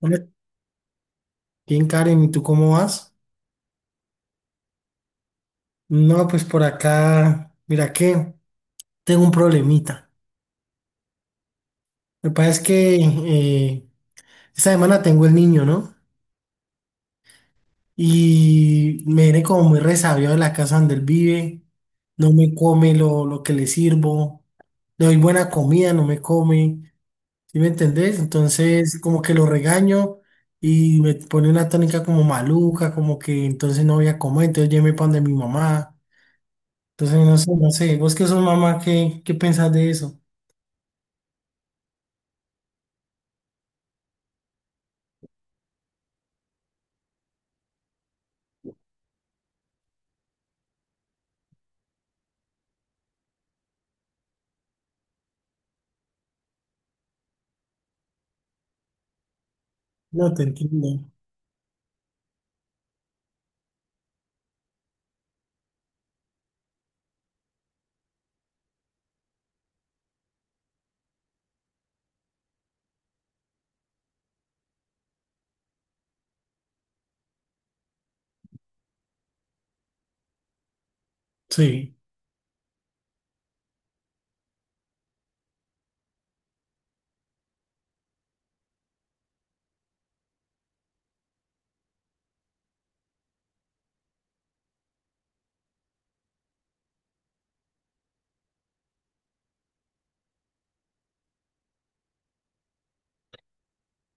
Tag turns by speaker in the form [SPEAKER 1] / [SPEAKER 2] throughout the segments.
[SPEAKER 1] Hola, bien, Karen, ¿y tú cómo vas? No, pues por acá, mira que tengo un problemita. Lo que pasa es que esta semana tengo el niño, ¿no? Y me viene como muy resabiado de la casa donde él vive. No me come lo que le sirvo. Le doy buena comida, no me come. ¿Sí me entendés? Entonces, como que lo regaño y me pone una tónica como maluca, como que entonces no voy a comer, entonces ya pan de mi mamá. Entonces, no sé, vos que sos mamá, ¿qué pensás de eso? No te entiendo. Sí.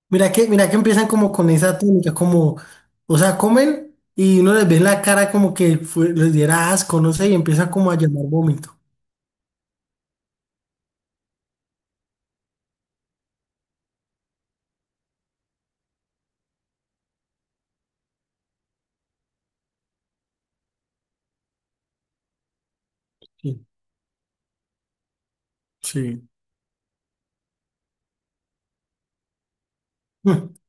[SPEAKER 1] Mira que empiezan como con esa técnica, como, o sea, comen y uno les ve la cara como que les diera asco, no sé, y empieza como a llamar vómito. Sí. Sí.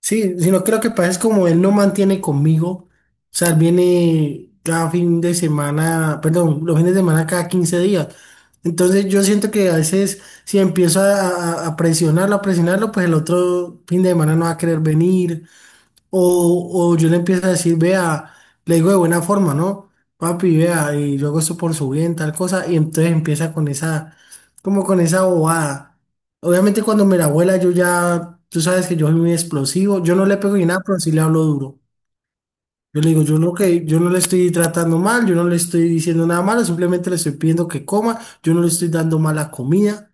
[SPEAKER 1] Sí, sino creo que pasa es como él no mantiene conmigo, o sea, él viene cada fin de semana, perdón, los fines de semana cada 15 días. Entonces yo siento que a veces si empiezo a presionarlo, a presionarlo, pues el otro fin de semana no va a querer venir, o yo le empiezo a decir, vea, le digo de buena forma, ¿no? Papi, vea, y yo hago esto por su bien, tal cosa, y entonces empieza con esa, como con esa bobada. Obviamente cuando me la abuela, yo ya, tú sabes que yo soy muy explosivo, yo no le pego ni nada, pero sí le hablo duro. Yo le digo, yo no le estoy tratando mal, yo no le estoy diciendo nada malo, simplemente le estoy pidiendo que coma, yo no le estoy dando mala comida.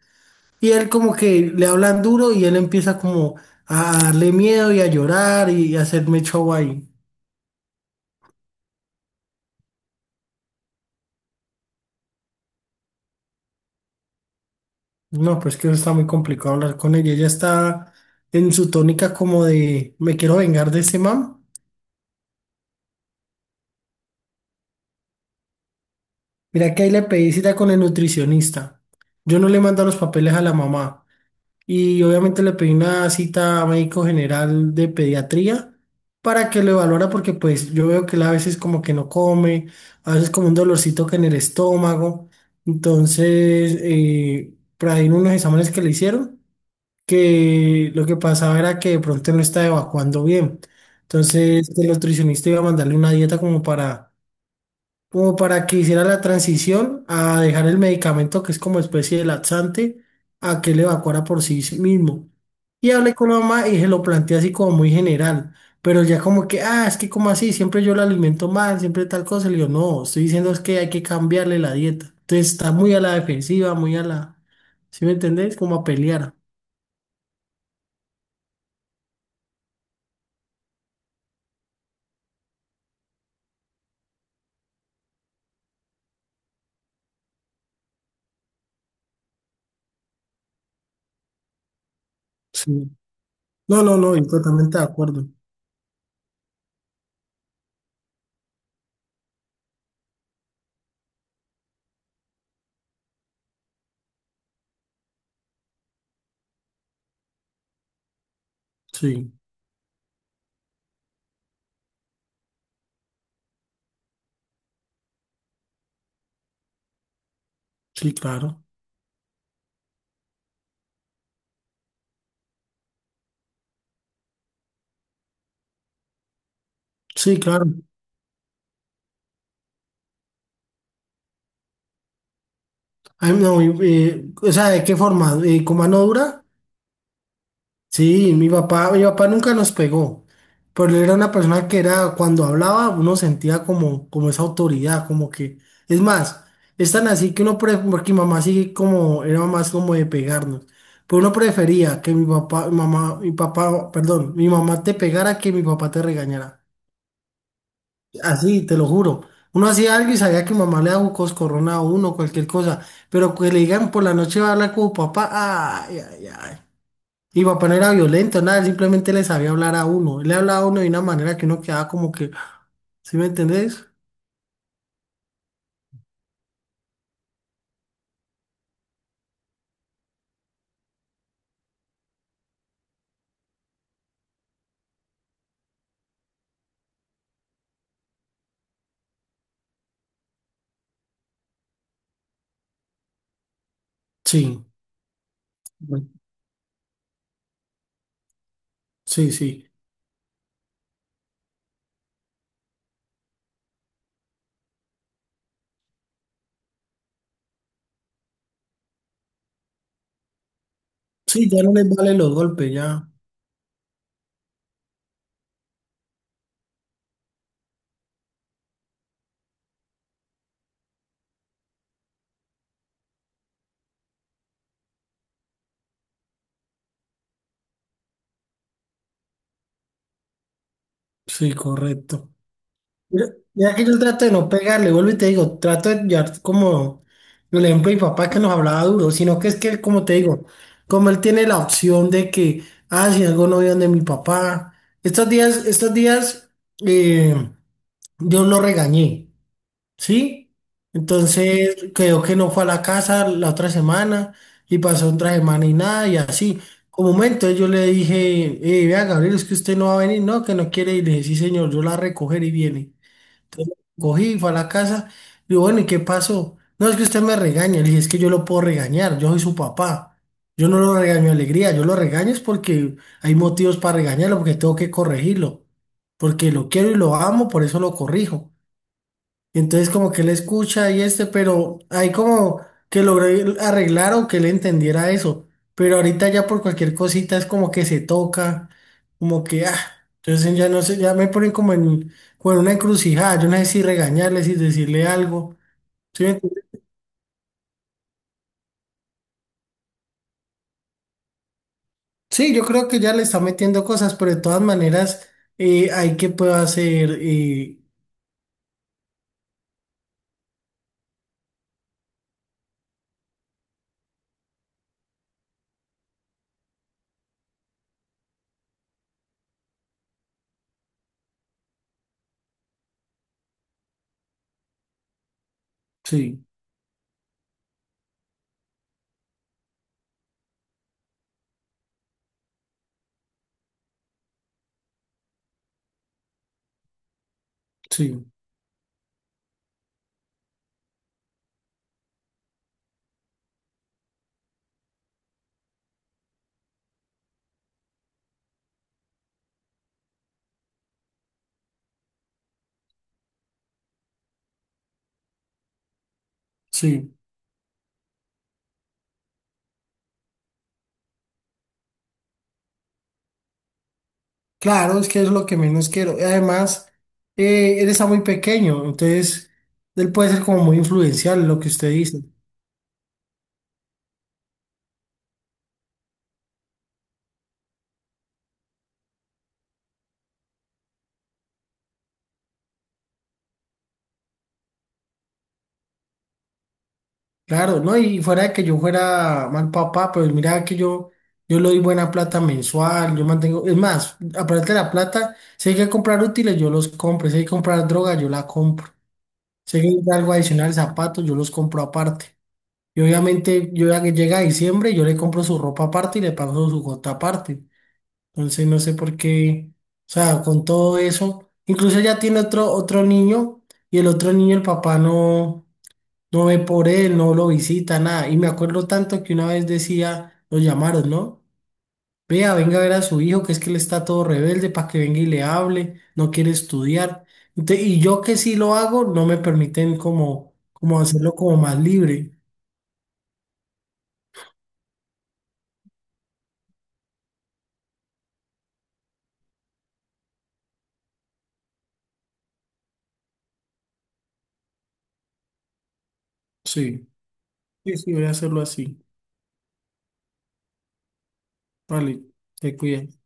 [SPEAKER 1] Y él como que le hablan duro y él empieza como a darle miedo y a llorar y a hacerme show ahí. No, pues que eso está muy complicado hablar con ella. Ella está en su tónica como de me quiero vengar de ese man. Mira que ahí le pedí cita con el nutricionista. Yo no le mando los papeles a la mamá. Y obviamente le pedí una cita a médico general de pediatría para que lo evaluara porque pues yo veo que él a veces como que no come, a veces como un dolorcito que en el estómago. Entonces, por ahí en unos exámenes que le hicieron, que lo que pasaba era que de pronto no estaba evacuando bien. Entonces el nutricionista iba a mandarle una dieta como para, como para que hiciera la transición a dejar el medicamento que es como especie de laxante a que él evacuara por sí mismo. Y hablé con la mamá y se lo planteé así como muy general, pero ya como que, ah, es que como así, siempre yo lo alimento mal, siempre tal cosa. Le digo, no, estoy diciendo es que hay que cambiarle la dieta. Entonces está muy a la defensiva, muy a la, ¿sí me entendés? Como a pelear. No, no, no, y totalmente de acuerdo. Sí, sí, claro. Sí, claro. Ay, no, o sea, ¿de qué forma? ¿Con mano dura? Sí, mi papá nunca nos pegó, pero él era una persona que era, cuando hablaba, uno sentía como, como esa autoridad, como que, es más, es tan así que uno, porque mi mamá sí como, era más como de pegarnos, pero uno prefería que mi papá, mamá, mi papá, perdón, mi mamá te pegara que mi papá te regañara. Así, te lo juro. Uno hacía algo y sabía que mamá le daba un coscorrón a uno, cualquier cosa. Pero que le digan por la noche va a hablar con papá, ay, ay, ay. Y papá no era violento, nada, él simplemente le sabía hablar a uno. Él le hablaba a uno de una manera que uno quedaba como que, ¿sí me entendés? Sí, sí, sí. Sí, ya no les vale los golpes, ya. Sí, correcto. Yo- Ya que yo trato de no pegarle, vuelvo y te digo, trato de llevar como el ejemplo de mi papá que nos hablaba duro, sino que es que, como te digo, como él tiene la opción de que, ah, si algo no veo de mi papá, estos días, eh, yo lo regañé, ¿sí? Entonces, creo que no fue a la casa la otra semana y pasó otra semana y nada, y así. Como momento yo le dije, vea, Gabriel, es que usted no va a venir, no, que no quiere, y le dije, sí, señor, yo la recogeré y viene. Entonces cogí, fue a la casa, digo, bueno, ¿y qué pasó? No, es que usted me regaña, le dije, es que yo lo puedo regañar, yo soy su papá. Yo no lo regaño de alegría, yo lo regaño es porque hay motivos para regañarlo, porque tengo que corregirlo, porque lo quiero y lo amo, por eso lo corrijo. Y entonces como que él escucha y este, pero hay como que logré arreglar o que él entendiera eso. Pero ahorita ya por cualquier cosita es como que se toca, como que, ah, entonces ya no sé, ya me ponen como en, como en una encrucijada, yo no sé si regañarle, si decirle algo. ¿Sí, me entiendes? Sí, yo creo que ya le está metiendo cosas, pero de todas maneras hay que puedo hacer, sí, sí, sí. Claro, es que es lo que menos quiero. Y además, él está muy pequeño, entonces él puede ser como muy influencial en lo que usted dice. Claro, ¿no? Y fuera de que yo fuera mal papá, pues yo le doy buena plata mensual, yo mantengo, es más, aparte de la plata, si hay que comprar útiles, yo los compro, si hay que comprar droga, yo la compro, si hay que comprar algo adicional, zapatos, yo los compro aparte. Y obviamente yo ya que llega diciembre, yo le compro su ropa aparte y le pago su gota aparte. Entonces no sé por qué, o sea, con todo eso, incluso ella tiene otro niño y el otro niño el papá no, no ve por él, no lo visita, nada. Y me acuerdo tanto que una vez decía, lo llamaron, ¿no? Vea, venga a ver a su hijo, que es que él está todo rebelde para que venga y le hable, no quiere estudiar. Y yo que sí lo hago, no me permiten como, como hacerlo como más libre. Sí, sí, sí, voy a hacerlo así. Vale, te cuidas.